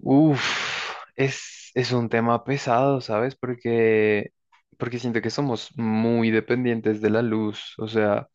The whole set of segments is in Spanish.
Uf, es un tema pesado, ¿sabes? Porque siento que somos muy dependientes de la luz, o sea,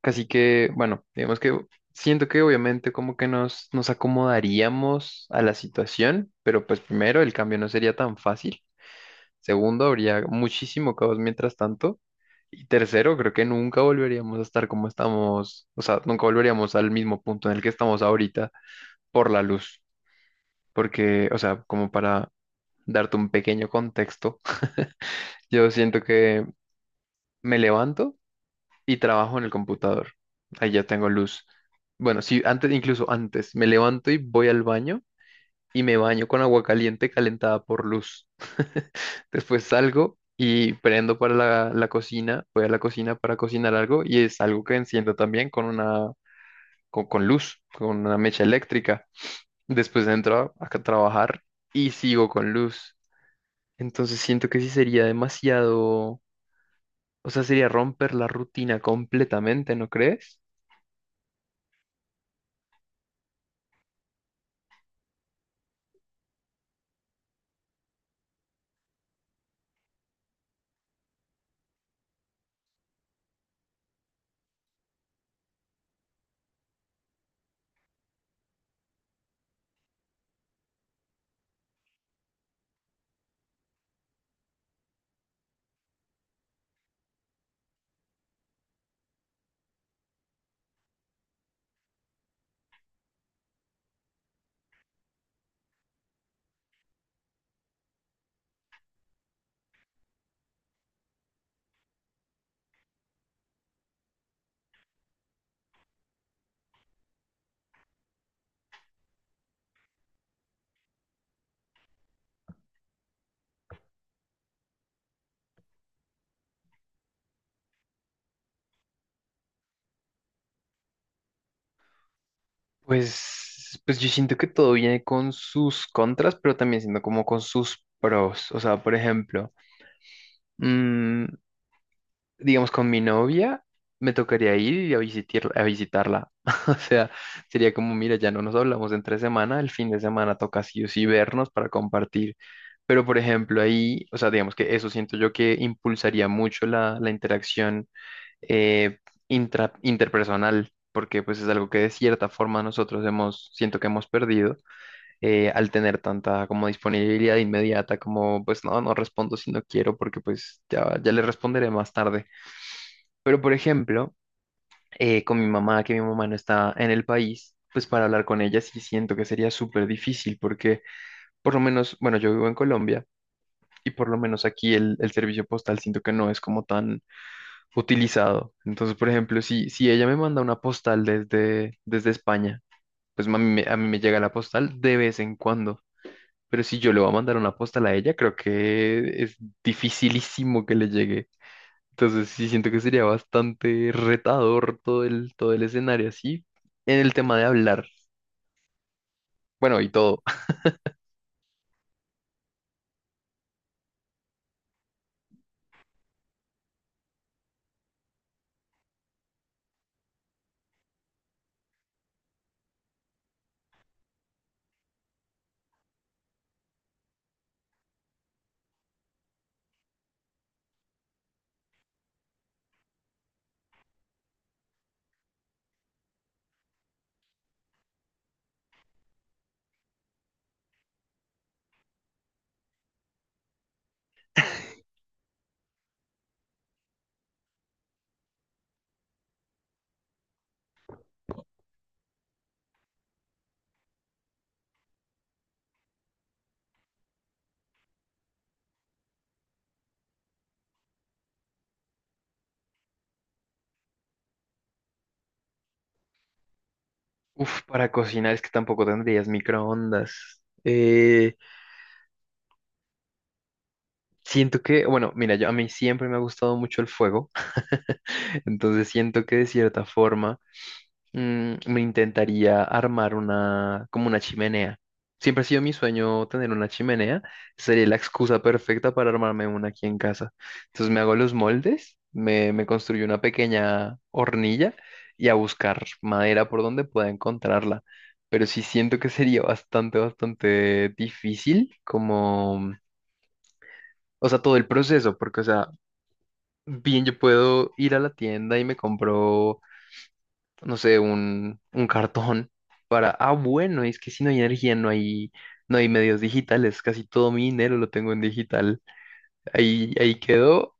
casi que, bueno, digamos que siento que obviamente como que nos acomodaríamos a la situación, pero pues primero el cambio no sería tan fácil, segundo, habría muchísimo caos mientras tanto, y tercero, creo que nunca volveríamos a estar como estamos, o sea, nunca volveríamos al mismo punto en el que estamos ahorita por la luz, porque, o sea, como para darte un pequeño contexto, yo siento que me levanto y trabajo en el computador. Ahí ya tengo luz. Bueno, sí, antes, incluso antes, me levanto y voy al baño y me baño con agua caliente calentada por luz. Después salgo y prendo para la cocina, voy a la cocina para cocinar algo y es algo que enciendo también con una, con luz, con una mecha eléctrica. Después entro a trabajar y sigo con luz. Entonces siento que sí sería demasiado. O sea, sería romper la rutina completamente, ¿no crees? Pues yo siento que todo viene con sus contras, pero también siendo como con sus pros. O sea, por ejemplo, mm, digamos con mi novia, me tocaría ir a a visitarla. O sea, sería como, mira, ya no nos hablamos entre semana, el fin de semana toca sí o sí vernos para compartir. Pero, por ejemplo, ahí, o sea, digamos que eso siento yo que impulsaría mucho la interacción eh, interpersonal, porque pues es algo que de cierta forma nosotros hemos, siento que hemos perdido al tener tanta como disponibilidad inmediata, como pues no, no respondo si no quiero, porque pues ya, ya le responderé más tarde. Pero por ejemplo, con mi mamá, que mi mamá no está en el país. Pues para hablar con ella sí siento que sería súper difícil porque por lo menos, bueno, yo vivo en Colombia y por lo menos aquí el servicio postal siento que no es como tan utilizado. Entonces, por ejemplo, si ella me manda una postal desde España, pues a mí, a mí me llega la postal de vez en cuando. Pero si yo le voy a mandar una postal a ella, creo que es dificilísimo que le llegue. Entonces, sí siento que sería bastante retador todo el escenario así. En el tema de hablar, bueno, y todo. Uf, para cocinar es que tampoco tendrías microondas. Siento que, bueno, mira, yo, a mí siempre me ha gustado mucho el fuego. Entonces siento que de cierta forma. Me intentaría armar una, como una chimenea. Siempre ha sido mi sueño tener una chimenea. Sería la excusa perfecta para armarme una aquí en casa. Entonces me hago los moldes, me construyo una pequeña hornilla y a buscar madera por donde pueda encontrarla. Pero sí siento que sería bastante, bastante difícil, como, o sea, todo el proceso, porque, o sea, bien, yo puedo ir a la tienda y me compro no sé, un cartón para, ah, bueno, es que si no hay energía, no hay, no hay medios digitales, casi todo mi dinero lo tengo en digital. Ahí quedó,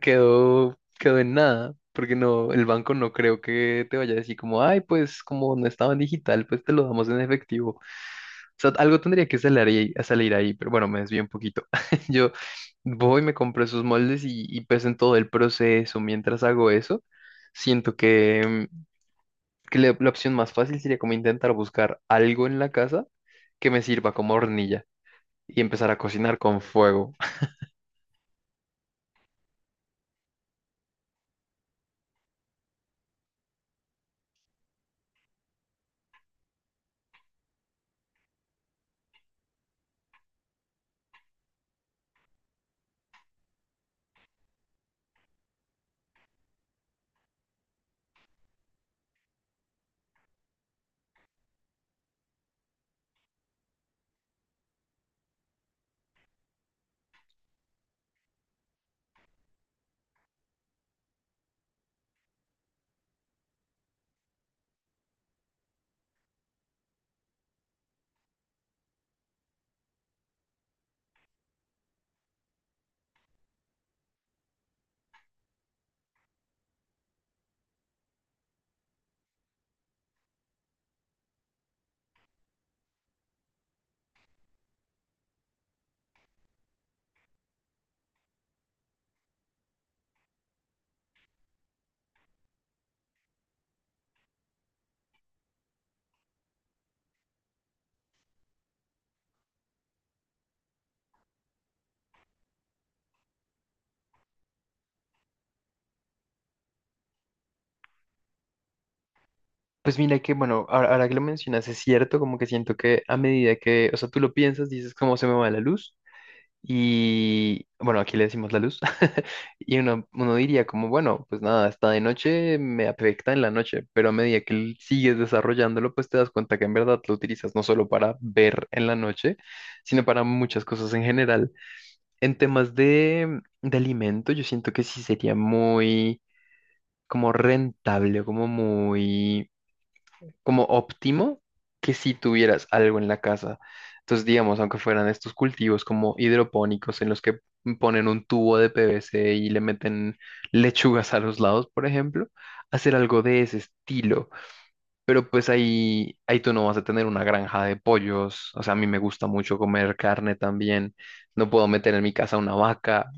quedó, quedó en nada, porque no, el banco no creo que te vaya a decir como, ay, pues como no estaba en digital, pues te lo damos en efectivo. O sea, algo tendría que salir ahí, a salir ahí, pero bueno, me desvío un poquito. Yo voy, me compro esos moldes y pues en todo el proceso, mientras hago eso, siento que la opción más fácil sería como intentar buscar algo en la casa que me sirva como hornilla y empezar a cocinar con fuego. Pues mira que, bueno, ahora que lo mencionas, es cierto, como que siento que a medida que, o sea, tú lo piensas, dices cómo se me va la luz y, bueno, aquí le decimos la luz y uno diría como, bueno, pues nada, está de noche, me afecta en la noche, pero a medida que sigues desarrollándolo, pues te das cuenta que en verdad lo utilizas no solo para ver en la noche, sino para muchas cosas en general. En temas de alimento, yo siento que sí sería muy como rentable, como muy, como óptimo que si tuvieras algo en la casa. Entonces, digamos, aunque fueran estos cultivos como hidropónicos en los que ponen un tubo de PVC y le meten lechugas a los lados, por ejemplo, hacer algo de ese estilo. Pero pues ahí, ahí tú no vas a tener una granja de pollos. O sea, a mí me gusta mucho comer carne también. No puedo meter en mi casa una vaca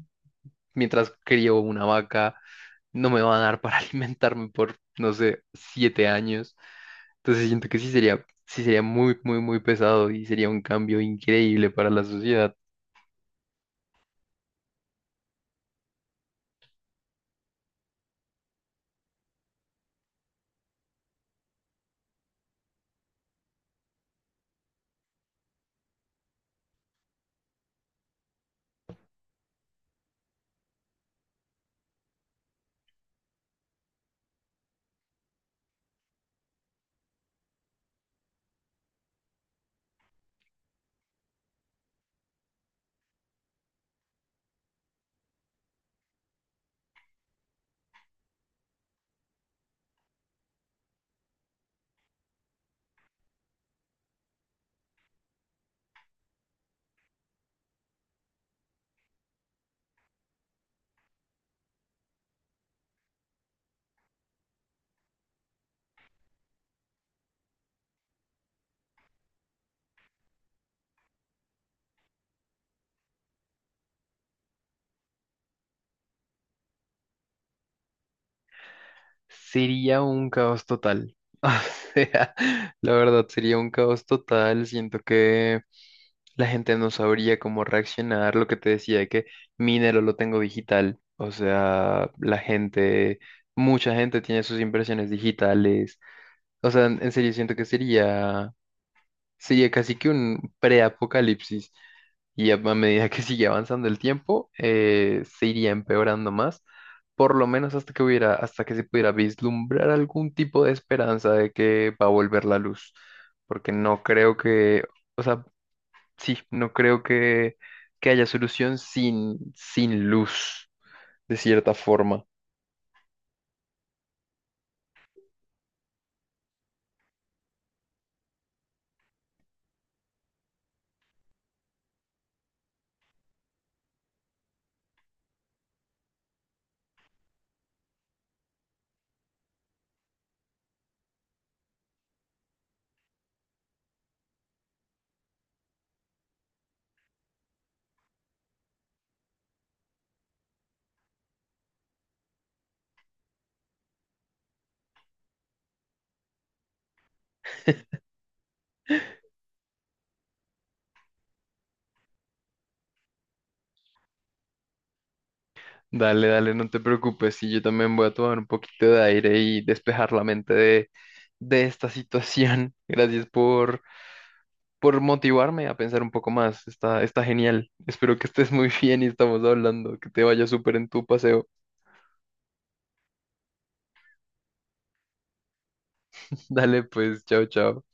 mientras crío una vaca, no me van a dar para alimentarme por, no sé, 7 años. Entonces siento que sí sería muy, muy, muy pesado y sería un cambio increíble para la sociedad. Sería un caos total. O sea, la verdad, sería un caos total. Siento que la gente no sabría cómo reaccionar. Lo que te decía de que mi dinero lo tengo digital. O sea, la gente, mucha gente tiene sus impresiones digitales. O sea, en serio siento que sería, sería casi que un preapocalipsis. Y a medida que sigue avanzando el tiempo, se iría empeorando más, por lo menos hasta que hubiera, hasta que se pudiera vislumbrar algún tipo de esperanza de que va a volver la luz. Porque no creo que, o sea, sí, no creo que haya solución sin, sin luz, de cierta forma. Dale, dale, no te preocupes, y yo también voy a tomar un poquito de aire y despejar la mente de esta situación. Gracias por motivarme a pensar un poco más. Está, está genial. Espero que estés muy bien y estamos hablando, que te vaya súper en tu paseo. Dale, pues, chao, chao.